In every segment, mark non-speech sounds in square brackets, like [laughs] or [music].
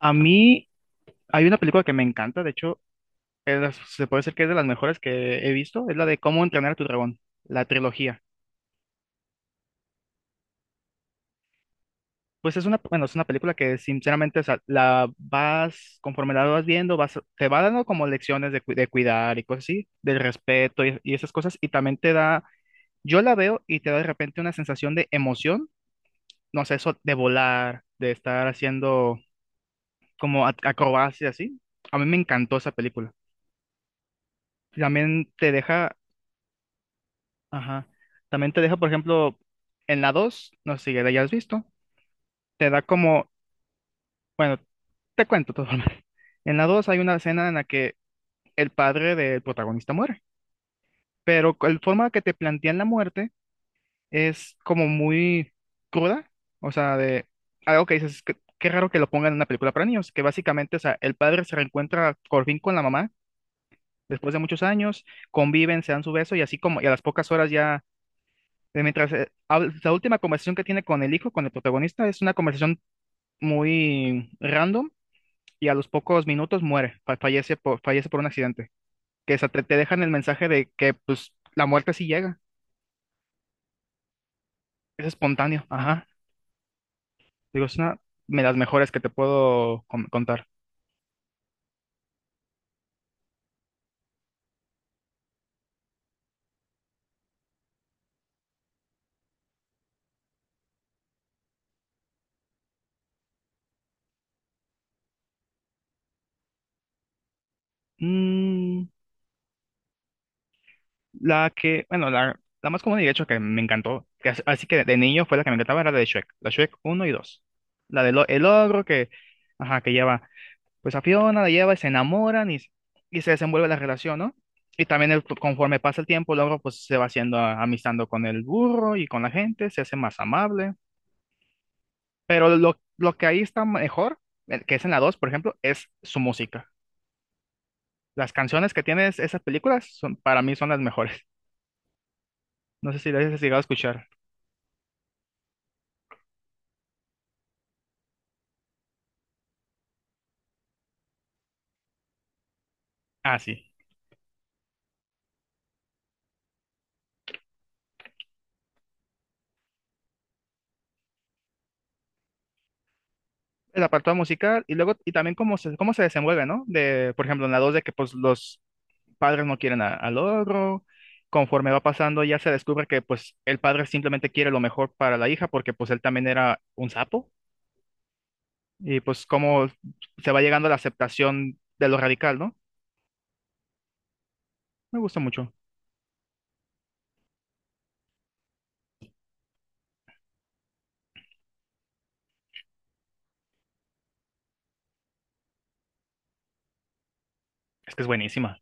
A mí hay una película que me encanta, de hecho, es de se puede decir que es de las mejores que he visto, es la de Cómo entrenar a tu dragón, la trilogía. Pues es una, bueno, es una película que sinceramente, o sea, conforme la vas viendo, vas, te va dando como lecciones de, de cuidar y cosas así, del respeto y esas cosas, y también te da, yo la veo y te da de repente una sensación de emoción, no sé, eso de volar, de estar haciendo como acrobacias así. A mí me encantó esa película. También te deja. Ajá. También te deja, por ejemplo, en la 2 no sé si ya la hayas visto, te da como, bueno, te cuento todo. [laughs] En la 2 hay una escena en la que el padre del protagonista muere, pero la forma que te plantean la muerte es como muy cruda, o sea, de algo que dices, que, qué raro que lo pongan en una película para niños, que básicamente, o sea, el padre se reencuentra por fin con la mamá después de muchos años, conviven, se dan su beso y así como, y a las pocas horas ya. Mientras la última conversación que tiene con el hijo, con el protagonista, es una conversación muy random y a los pocos minutos muere, fallece fallece por un accidente. Que se te dejan el mensaje de que pues la muerte sí llega, es espontáneo. Ajá. Digo, es una de las mejores que te puedo contar. Mm, la que, bueno, la más común y de hecho que me encantó, que así que de niño fue la que me encantaba, era la de Shrek, la Shrek uno y dos. La de el ogro que, ajá, que lleva pues a Fiona, la lleva y se enamoran y se desenvuelve la relación, ¿no? Y también conforme pasa el tiempo, Logro pues se va haciendo amistando con el burro y con la gente, se hace más amable. Pero lo que ahí está mejor, que es en la 2 por ejemplo, es su música. Las canciones que tiene esas películas son, para mí son las mejores. [laughs] No sé si las has llegado a escuchar. Ah, sí. El apartado musical y luego, y también cómo se desenvuelve, ¿no? De, por ejemplo, en la 2 de que pues los padres no quieren al otro. Conforme va pasando, ya se descubre que pues el padre simplemente quiere lo mejor para la hija porque pues él también era un sapo. Y pues cómo se va llegando a la aceptación de lo radical, ¿no? Me gusta mucho. Es que es buenísima.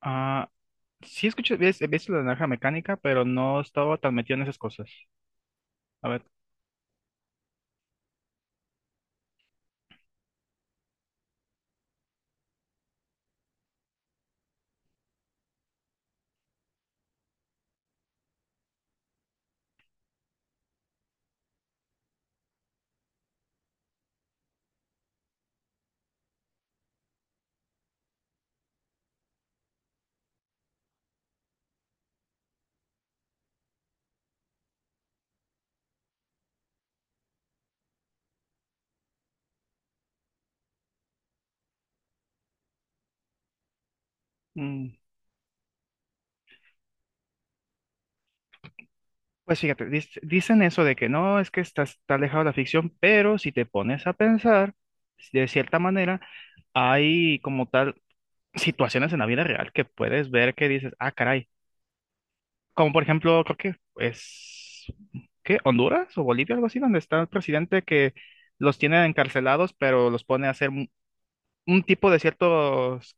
Ah, sí escuché, he visto la naranja mecánica, pero no estaba tan metido en esas cosas. A ver. mm, Pues fíjate, dicen eso de que no, es que estás, está alejado de la ficción, pero si te pones a pensar, de cierta manera, hay como tal situaciones en la vida real que puedes ver que dices, ah, caray. Como por ejemplo, creo que es, ¿qué? Honduras o Bolivia, algo así, donde está el presidente que los tiene encarcelados, pero los pone a hacer un tipo de ciertos,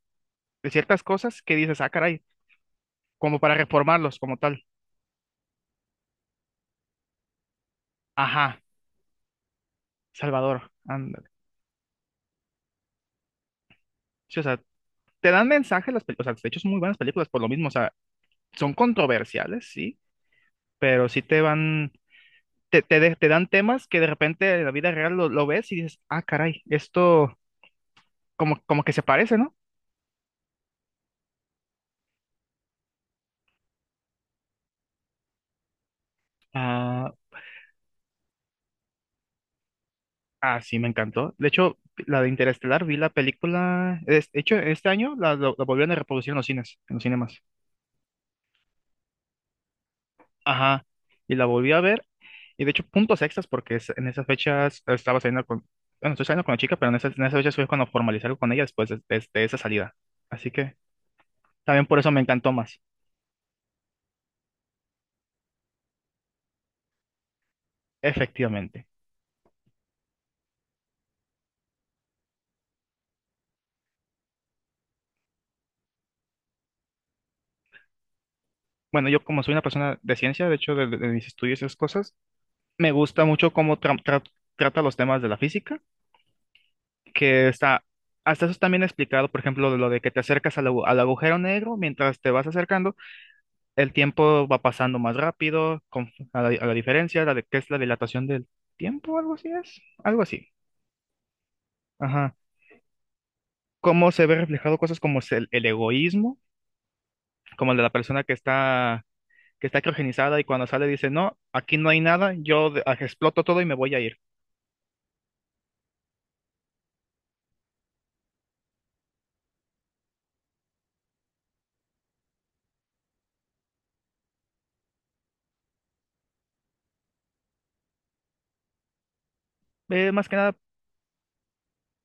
de ciertas cosas que dices, ah, caray, como para reformarlos como tal. Ajá, Salvador, ándale. Sí, o sea, te dan mensajes las películas, o sea, de hecho son muy buenas películas por lo mismo, o sea, son controversiales, sí, pero sí te van te dan temas que de repente en la vida real lo ves y dices, ah, caray, esto como, como que se parece, ¿no? Ah, ah, sí, me encantó. De hecho, la de Interestelar, vi la película, de hecho, este año la volvieron a reproducir en los cines, en los cinemas. Ajá, y la volví a ver, y de hecho, puntos extras, porque en esas fechas estaba saliendo con, bueno, estoy saliendo con la chica, pero en esas fechas fue cuando formalicé algo con ella después de esa salida. Así que también por eso me encantó más, efectivamente. Bueno, yo como soy una persona de ciencia, de hecho, de mis estudios y esas cosas, me gusta mucho cómo trata los temas de la física, que está, hasta eso también explicado, por ejemplo, de lo de que te acercas al agujero negro, mientras te vas acercando, el tiempo va pasando más rápido, con, a la diferencia, que es la dilatación del tiempo, algo así es, algo así. Ajá. Cómo se ve reflejado cosas como es el egoísmo, como el de la persona que está criogenizada y cuando sale dice, no, aquí no hay nada, yo exploto todo y me voy a ir. Más que nada,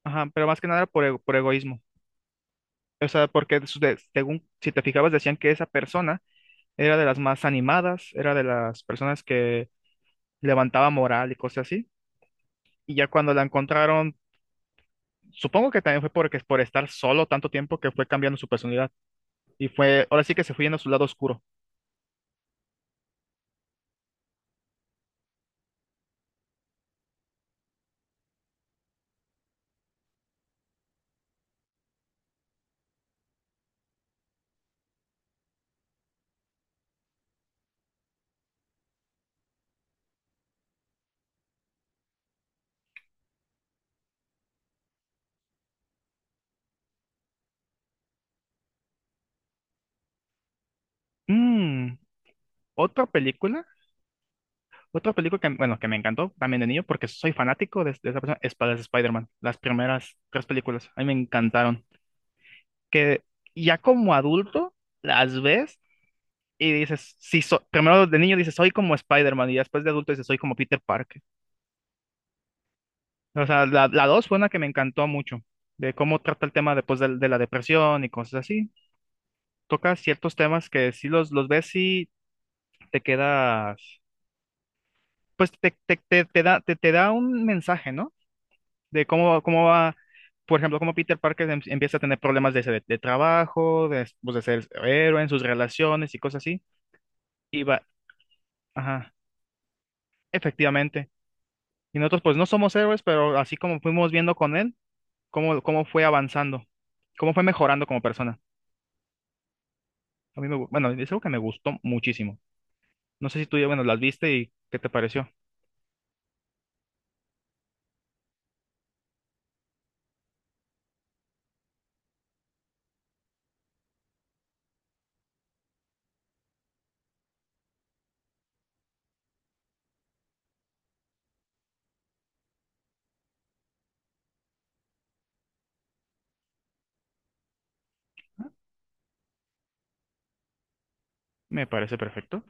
ajá, pero más que nada por, por egoísmo. O sea, porque según, si te fijabas, decían que esa persona era de las más animadas, era de las personas que levantaba moral y cosas así. Y ya cuando la encontraron, supongo que también fue porque por estar solo tanto tiempo que fue cambiando su personalidad. Y fue, ahora sí que se fue yendo a su lado oscuro. Mm, otra película, otra película que, bueno, que me encantó también de niño porque soy fanático de esa persona, es para Spider-Man. Las primeras tres películas, a mí me encantaron. Que ya como adulto las ves y dices, sí, primero de niño dices, soy como Spider-Man y después de adulto dices, soy como Peter Parker. O sea, la dos fue una que me encantó mucho, de cómo trata el tema después de la depresión y cosas así. Toca ciertos temas que si los ves y te quedas, pues te da un mensaje, ¿no? De cómo, cómo va. Por ejemplo, cómo Peter Parker empieza a tener problemas de, de trabajo, de, pues, de ser héroe en sus relaciones y cosas así. Y va, ajá. Efectivamente. Y nosotros pues no somos héroes, pero así como fuimos viendo con él, cómo, cómo fue avanzando, cómo fue mejorando como persona. A mí me, bueno, es algo que me gustó muchísimo. No sé si tú ya, bueno, las viste y qué te pareció. Me parece perfecto.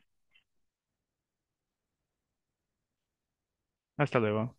Hasta luego.